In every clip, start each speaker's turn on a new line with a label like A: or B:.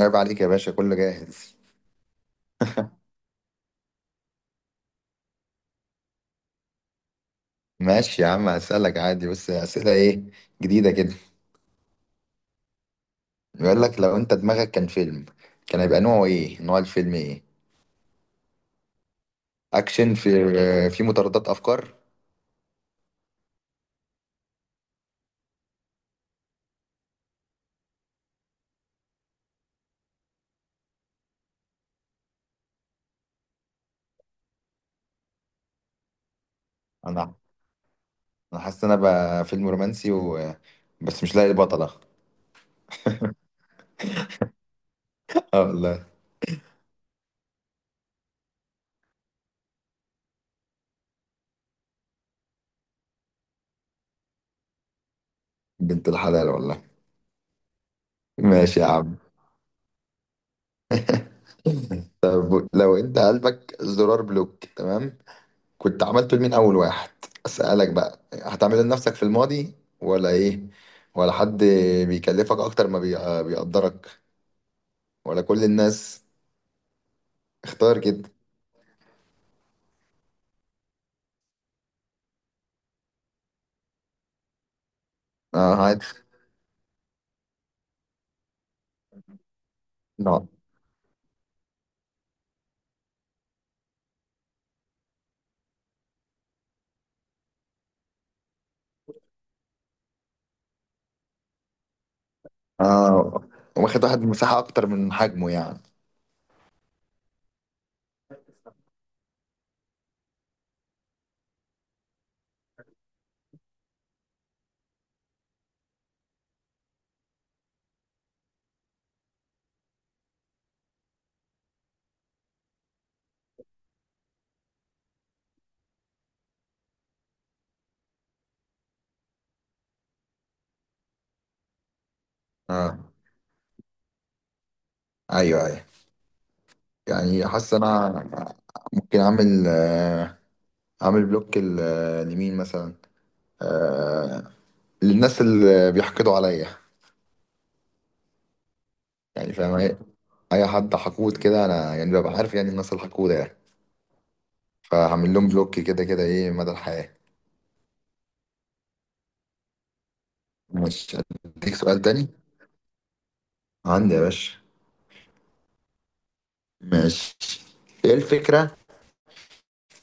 A: عيب عليك يا باشا، كله جاهز. ماشي يا عم، هسألك عادي بس أسئلة إيه؟ جديدة كده. بيقول لك لو أنت دماغك كان فيلم، كان هيبقى نوعه إيه؟ نوع الفيلم إيه؟ أكشن، في مطاردات أفكار. أنا أنا حاسس إن أنا بقى فيلم رومانسي بس مش لاقي البطلة. آه والله. بنت الحلال والله. ماشي يا عم. طب لو أنت قلبك زرار بلوك، تمام؟ كنت عملته لمين اول واحد؟ اسالك بقى، هتعمله لنفسك في الماضي ولا ايه؟ ولا حد بيكلفك اكتر ما بيقدرك؟ ولا كل الناس؟ اختار كده. اه، عادي. لا. اه، واخد واحد مساحه اكتر من حجمه يعني. اه. ايوه، ايوه. يعني حاسس انا ممكن اعمل، اعمل بلوك لمين مثلا؟ آه، للناس اللي بيحقدوا عليا. يعني فاهم، اي اي حد حقود كده، انا يعني ببقى عارف يعني الناس الحقودة يعني، فهعمل لهم بلوك كده كده، ايه، مدى الحياة. مش... اديك سؤال تاني. عندي يا باشا. ماشي. ايه الفكرة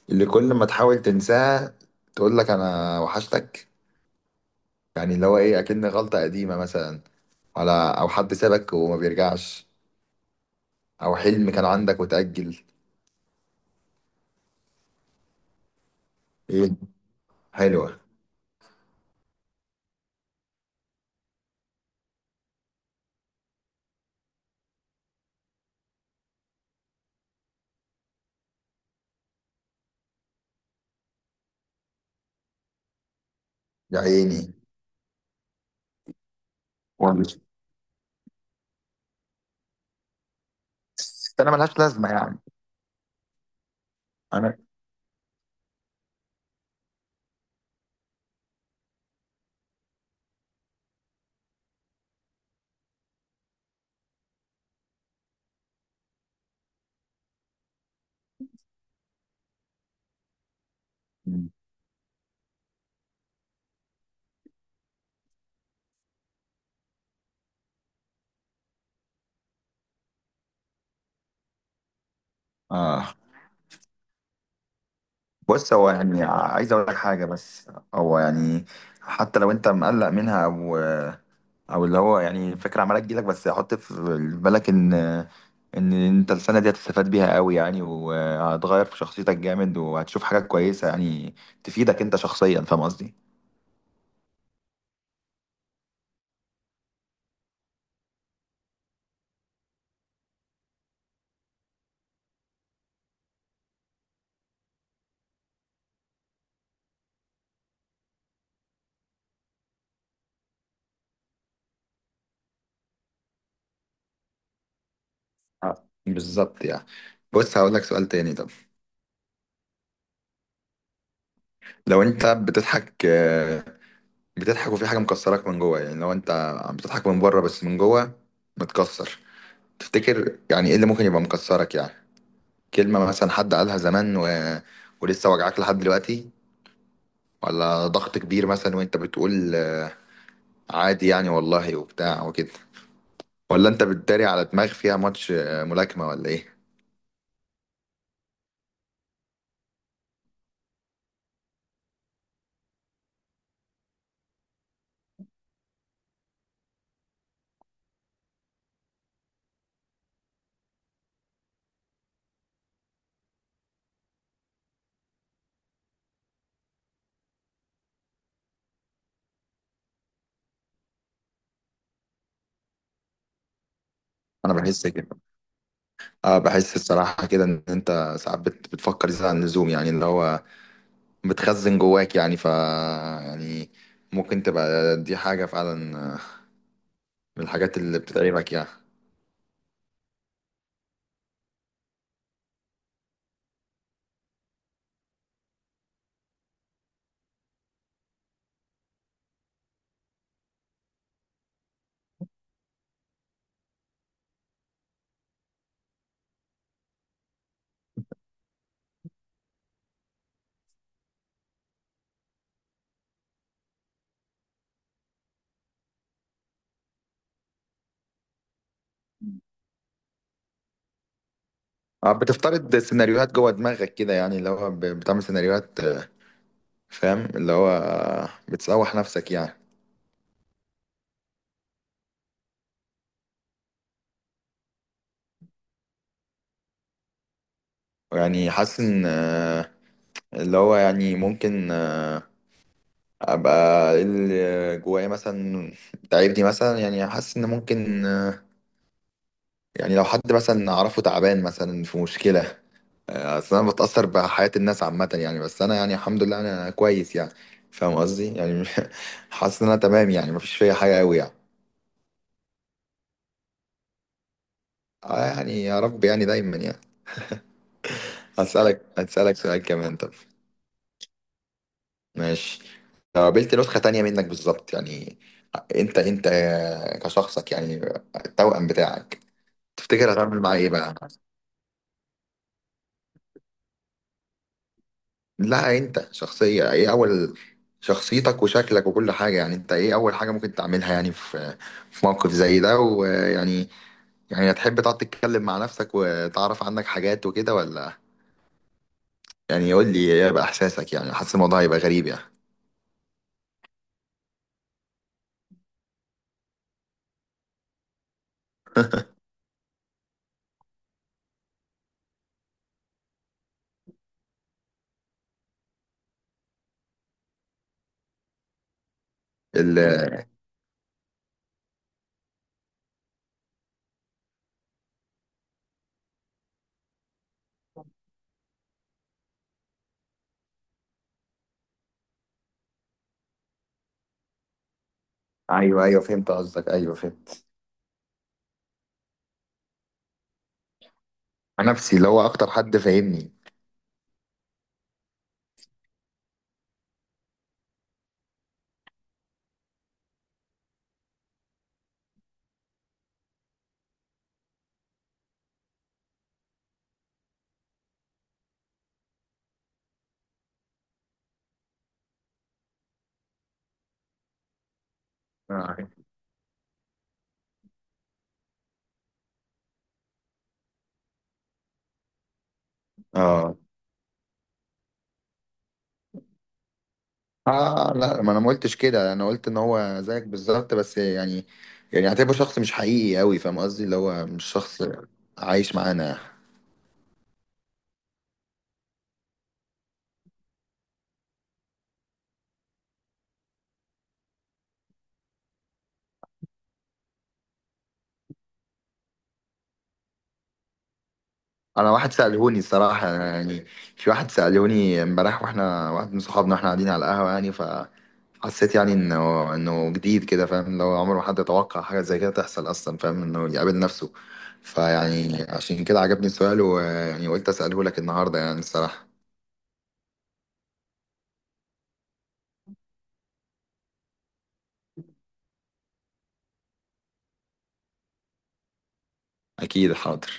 A: اللي كل ما تحاول تنساها تقول لك انا وحشتك؟ يعني اللي هو ايه، اكن غلطة قديمة مثلا، على... او حد سابك وما بيرجعش، او حلم كان عندك وتأجل. ايه؟ حلوة. يا عيني. ولا-. بس انا ملهاش لازمة يعني. انا... اه. بص هو يعني عايز اقول لك حاجه بس. هو يعني حتى لو انت مقلق منها، او او اللي هو يعني فكره عماله تجيلك، بس حط في بالك ان ان انت السنه دي هتستفاد بيها قوي يعني، وهتغير في شخصيتك جامد، وهتشوف حاجات كويسه يعني، تفيدك انت شخصيا، فاهم قصدي؟ آه، بالظبط يعني. بص هقول لك سؤال تاني طب. لو انت بتضحك، بتضحك وفي حاجه مكسراك من جوه، يعني لو انت بتضحك من بره بس من جوه متكسر، تفتكر يعني ايه اللي ممكن يبقى مكسرك يعني؟ كلمة مثلا حد قالها زمان ولسه وجعاك لحد دلوقتي؟ ولا ضغط كبير مثلا وانت بتقول عادي يعني والله وبتاع وكده؟ ولا انت بتداري على دماغ فيها ماتش ملاكمة ولا ايه؟ انا بحس كده. اه، بحس الصراحة كده ان انت ساعات بتفكر زيادة عن اللزوم، يعني اللي هو بتخزن جواك يعني، ف يعني ممكن تبقى دي حاجة فعلا من الحاجات اللي بتتعبك يعني. اه، بتفترض سيناريوهات جوه دماغك كده، يعني اللي هو بتعمل سيناريوهات. آه، فاهم؟ اللي هو آه، بتسوح نفسك يعني. يعني حاسس ان آه، اللي هو يعني ممكن آه، ابقى إيه اللي جوايا مثلا تعبني مثلا؟ يعني حاسس ان ممكن آه، يعني لو حد مثلا اعرفه تعبان مثلا في مشكلة، آه، اصل انا بتأثر بحياة الناس عامة يعني، بس انا يعني الحمد لله انا كويس يعني، فاهم قصدي يعني؟ حاسس ان انا تمام يعني، مفيش فيا حاجة قوي يعني. آه، يعني يا رب يعني دايما يعني. هسألك هسألك سؤال كمان طب. ماشي. لو قابلت نسخة تانية منك بالظبط يعني، انت انت كشخصك يعني، التوأم بتاعك، تفتكر هتعمل معاه ايه بقى؟ لا، انت شخصية ايه اول... شخصيتك وشكلك وكل حاجة يعني. انت ايه اول حاجة ممكن تعملها يعني في في موقف زي ده ويعني، يعني هتحب تقعد تتكلم مع نفسك وتعرف عنك حاجات وكده ولا، يعني قول لي ايه بقى احساسك؟ يعني حاسس الموضوع هيبقى غريب يعني. ال... ايوه ايوه، فهمت قصدك، ايوه فهمت. مع نفسي، اللي هو اكتر حد فاهمني. اه. اه. آه، لا ما انا ما قلتش كده. انا قلت ان هو زيك بالظبط بس يعني، يعني اعتبره شخص مش حقيقي قوي، فاهم قصدي؟ اللي هو مش شخص عايش معانا. انا واحد سألهوني الصراحة، أنا يعني... في واحد سألهوني امبارح واحنا، واحد من صحابنا، واحنا قاعدين على القهوة يعني، فحسيت يعني انه انه جديد كده، فاهم؟ اللي هو عمره ما حد يتوقع حاجة زي كده تحصل اصلا، فاهم انه يقابل نفسه. فيعني عشان كده عجبني السؤال، ويعني قلت أسأله لك النهاردة يعني الصراحة. أكيد حاضر.